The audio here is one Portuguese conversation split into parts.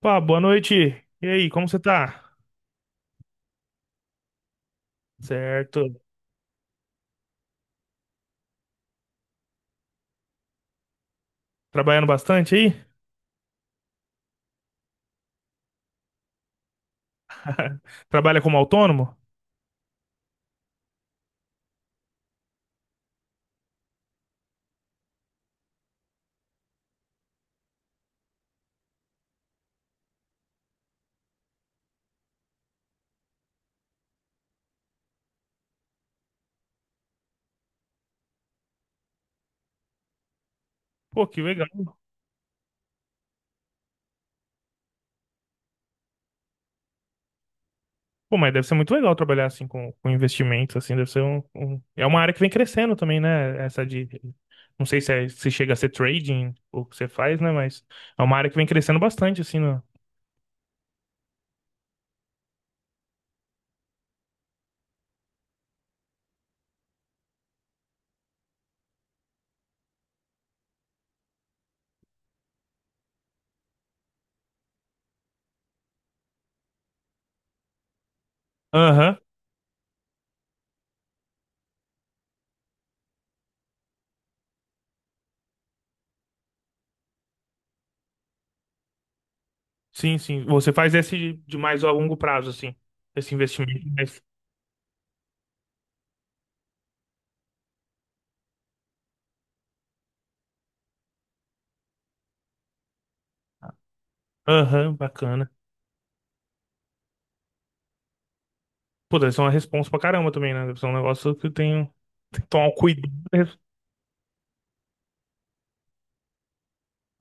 Pá, boa noite. E aí, como você tá? Certo. Trabalhando bastante aí? Trabalha como autônomo? Pô, que legal. Pô, mas deve ser muito legal trabalhar assim com investimentos, assim, deve ser é uma área que vem crescendo também, né? Essa de. Não sei se chega a ser trading, ou o que você faz, né? Mas é uma área que vem crescendo bastante, assim, no... Aham. Sim, sim. Você faz esse de mais a longo prazo, assim. Esse investimento. Aham, bacana. Pô, deve ser uma responsa pra caramba também, né? Deve ser um negócio que eu tenho, tem que tomar um cuidado.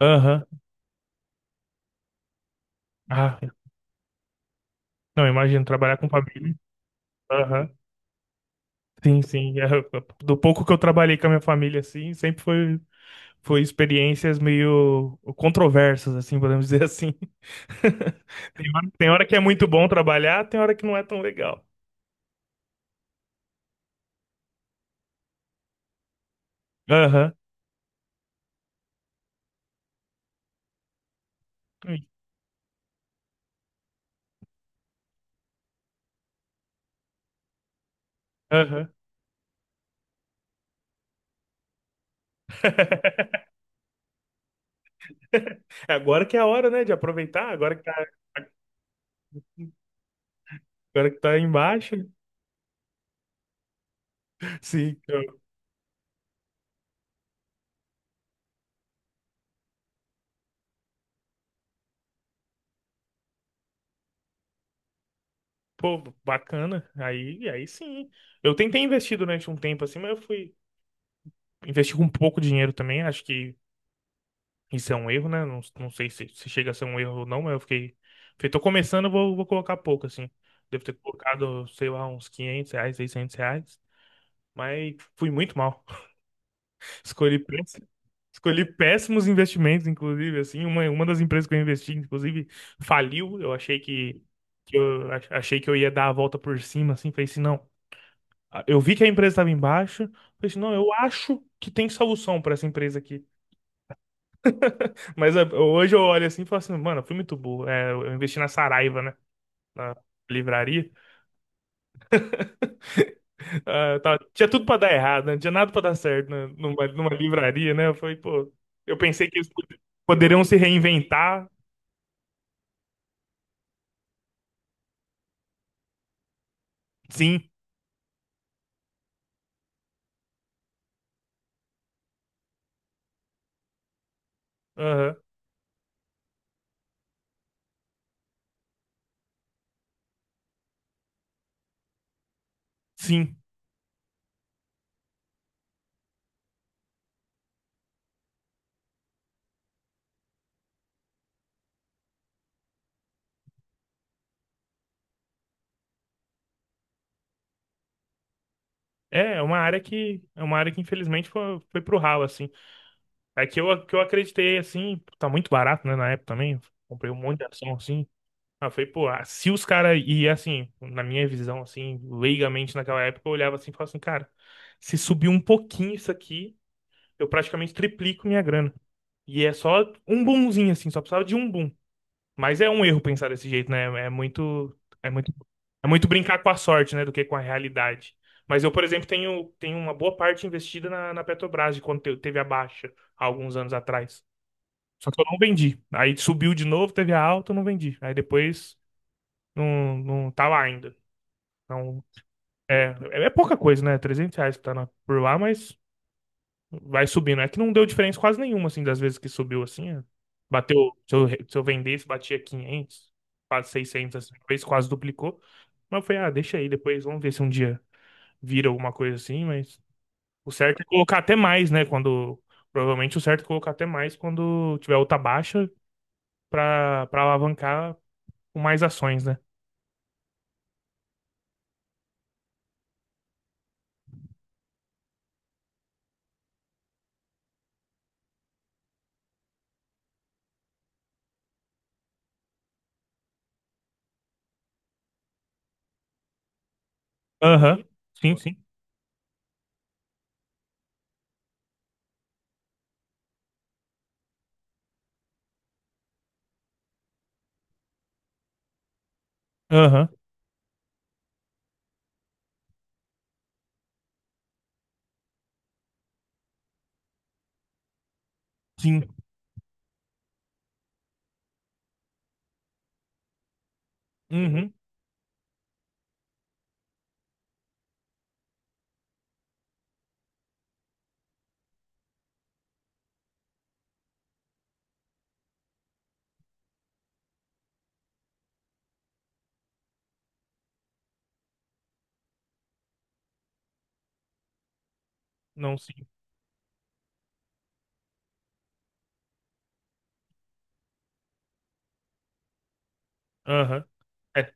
Aham. Ah, não, imagino trabalhar com família. Aham. Sim, sim. É, do pouco que eu trabalhei com a minha família, assim, sempre foi experiências meio controversas, assim, podemos dizer assim. Tem hora que é muito bom trabalhar, tem hora que não é tão legal. Aham. Aham. Agora que é a hora, né, de aproveitar, agora que tá embaixo. Sim. Então, pô, bacana. Aí sim. Eu tentei investir durante um tempo assim, mas eu fui investir com pouco dinheiro também. Acho que isso é um erro, né? Não, não sei se chega a ser um erro ou não, mas eu fiquei. Falei, tô começando, vou colocar pouco, assim. Devo ter colocado, sei lá, uns 500 reais, 600 reais. Mas fui muito mal. Escolhi péss- Escolhi péssimos investimentos, inclusive, assim, uma das empresas que eu investi, inclusive, faliu. Eu achei que eu ia dar a volta por cima, assim, falei assim, não, eu vi que a empresa estava em baixa. Falei assim, não, eu acho que tem solução para essa empresa aqui. Mas é, hoje eu olho assim e falo assim, mano, eu fui muito burro. É, eu investi na Saraiva, né? Na livraria. Ah, tinha tudo para dar errado, né? Não tinha nada para dar certo, né? Numa livraria, né? Eu falei, pô, eu pensei que eles poderiam se reinventar. Sim, aham, sim. É uma área que infelizmente foi pro ralo, assim. É que eu acreditei, assim, tá muito barato, né, na época também. Comprei um monte de ação, assim. Aí eu falei, pô, ah, se os caras, e assim, na minha visão, assim, leigamente naquela época, eu olhava assim e falava assim, cara, se subir um pouquinho isso aqui, eu praticamente triplico minha grana. E é só um boomzinho, assim, só precisava de um boom. Mas é um erro pensar desse jeito, né? É muito, é muito brincar com a sorte, né, do que com a realidade. Mas eu, por exemplo, tenho uma boa parte investida na Petrobras, de quando teve a baixa, há alguns anos atrás. Só que eu não vendi. Aí subiu de novo, teve a alta, eu não vendi. Aí depois. Não, não tá lá ainda. Então, é, é pouca coisa, né? 300 reais que tá por lá, mas vai subindo. É que não deu diferença quase nenhuma, assim, das vezes que subiu, assim. É. Bateu, se eu vendesse, batia 500, quase 600, assim, uma vez quase duplicou. Mas eu falei, ah, deixa aí, depois vamos ver se um dia vira alguma coisa assim, mas o certo é colocar até mais, né? Provavelmente o certo é colocar até mais quando tiver outra baixa pra alavancar com mais ações, né? Aham, sim, sim. Aham, sim. Uhum. Não, sim. Aham. É,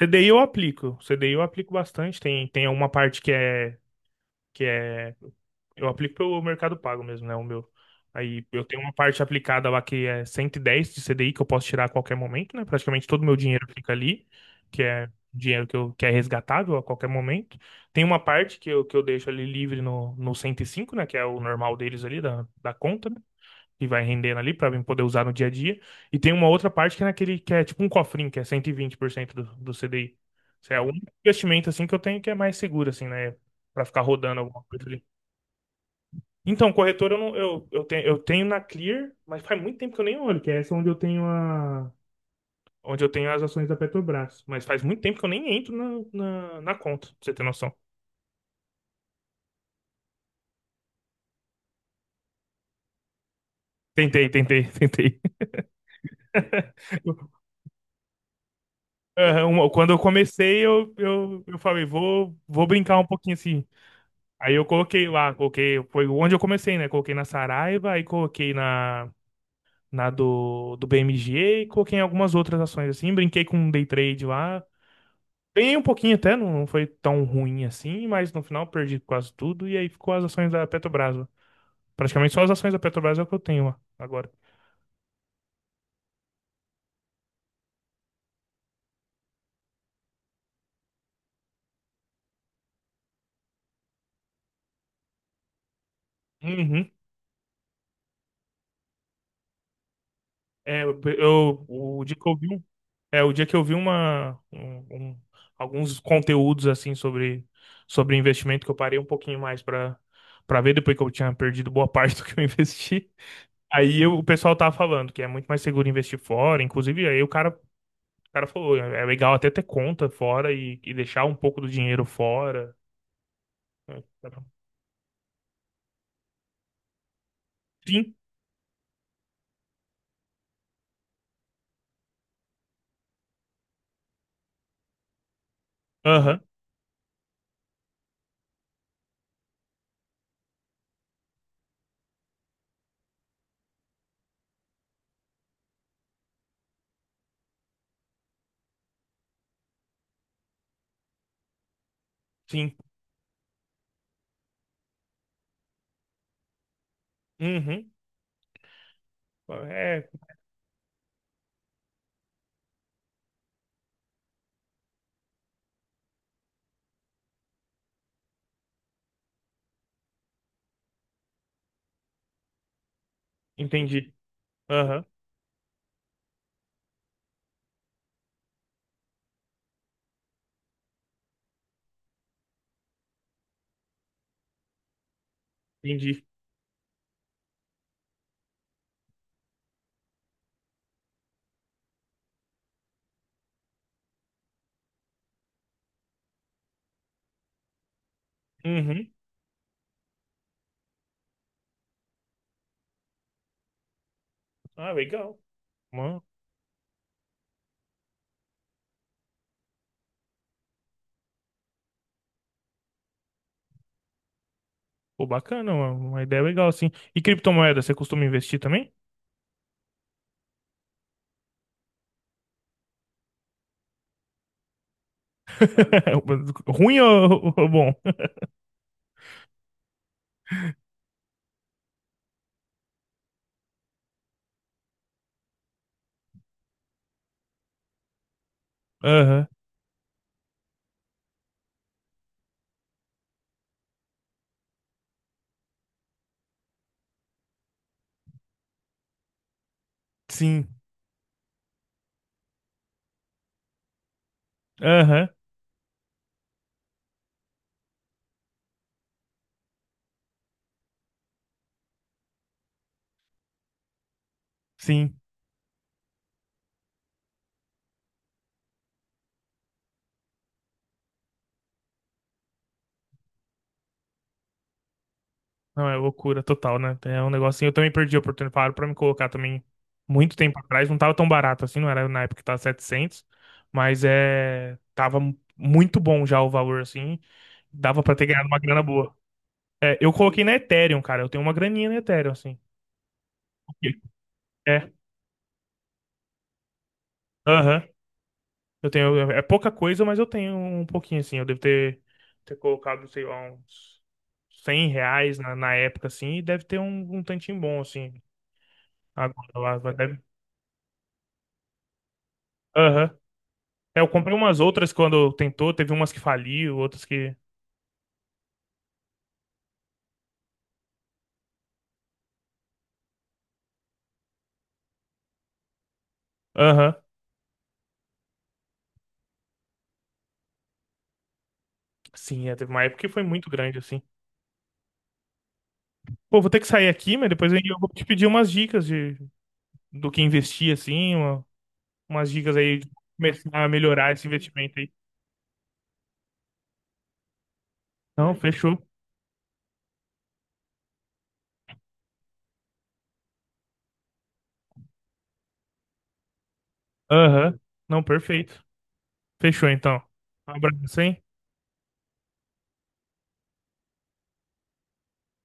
CDI eu aplico. CDI eu aplico bastante. Tem uma parte que é, que é. Eu aplico pelo Mercado Pago mesmo, né? O meu. Aí eu tenho uma parte aplicada lá que é 110 de CDI que eu posso tirar a qualquer momento, né? Praticamente todo o meu dinheiro fica ali, que é dinheiro que é resgatável a qualquer momento. Tem uma parte que eu deixo ali livre no 105, né? Que é o normal deles ali, da conta, né, e vai rendendo ali para poder usar no dia a dia. E tem uma outra parte que é naquele que é tipo um cofrinho, que é 120% do CDI. Isso é o único investimento assim que eu tenho que é mais seguro assim, né, para ficar rodando alguma coisa ali. Então, corretor, eu não, eu tenho na Clear, mas faz muito tempo que eu nem olho, que é essa onde eu tenho as ações da Petrobras, mas faz muito tempo que eu nem entro na conta, pra você ter noção. Tentei, tentei, tentei. Aham. Quando eu comecei, eu falei, vou brincar um pouquinho assim. Aí eu coloquei lá, coloquei, foi onde eu comecei, né? Coloquei na Saraiva, aí coloquei na do BMG e coloquei em algumas outras ações assim. Brinquei com um day trade lá. Ganhei um pouquinho até, não, não foi tão ruim assim, mas no final perdi quase tudo e aí ficou as ações da Petrobras lá. Praticamente só as ações da Petrobras é o que eu tenho lá agora. Uhum. É, eu, eu- o dia que eu vi. um o dia que eu vi um- alguns conteúdos assim sobre investimento que eu parei um pouquinho mais para ver depois que eu tinha perdido boa parte do que eu investi. Aí o pessoal tava falando que é muito mais seguro investir fora, inclusive aí o cara falou, é legal até ter conta fora e deixar um pouco do dinheiro fora. Sim, aham, sim, uhum, é, entendi, aham, entendi, uhum, ah, legal. Pô, bacana, uma ideia legal, assim. E criptomoeda, você costuma investir também? Ruim ou bom? Aham, sim. Aham, sim. Não, é loucura total, né? É um negócio assim. Eu também perdi a oportunidade para me colocar também muito tempo atrás. Não tava tão barato assim, não era na época que tava 700, mas é. Tava muito bom já o valor, assim. Dava para ter ganhado uma grana boa. É, eu coloquei na Ethereum, cara. Eu tenho uma graninha na Ethereum, assim. Ok. É. Aham. Eu tenho, é pouca coisa, mas eu tenho um pouquinho, assim. Eu devo ter colocado, sei lá, uns 100 reais na época, assim, e deve ter um tantinho bom, assim, agora lá. Deve... Aham. É, eu comprei umas outras quando tentou, teve umas que faliu, outras que... Aham. Sim, é, teve uma época que foi muito grande, assim. Pô, vou ter que sair aqui, mas depois eu vou te pedir umas dicas de, do que investir, assim, umas dicas aí de começar a melhorar esse investimento aí. Não, fechou. Aham. Não, perfeito. Fechou então. Um abraço, hein?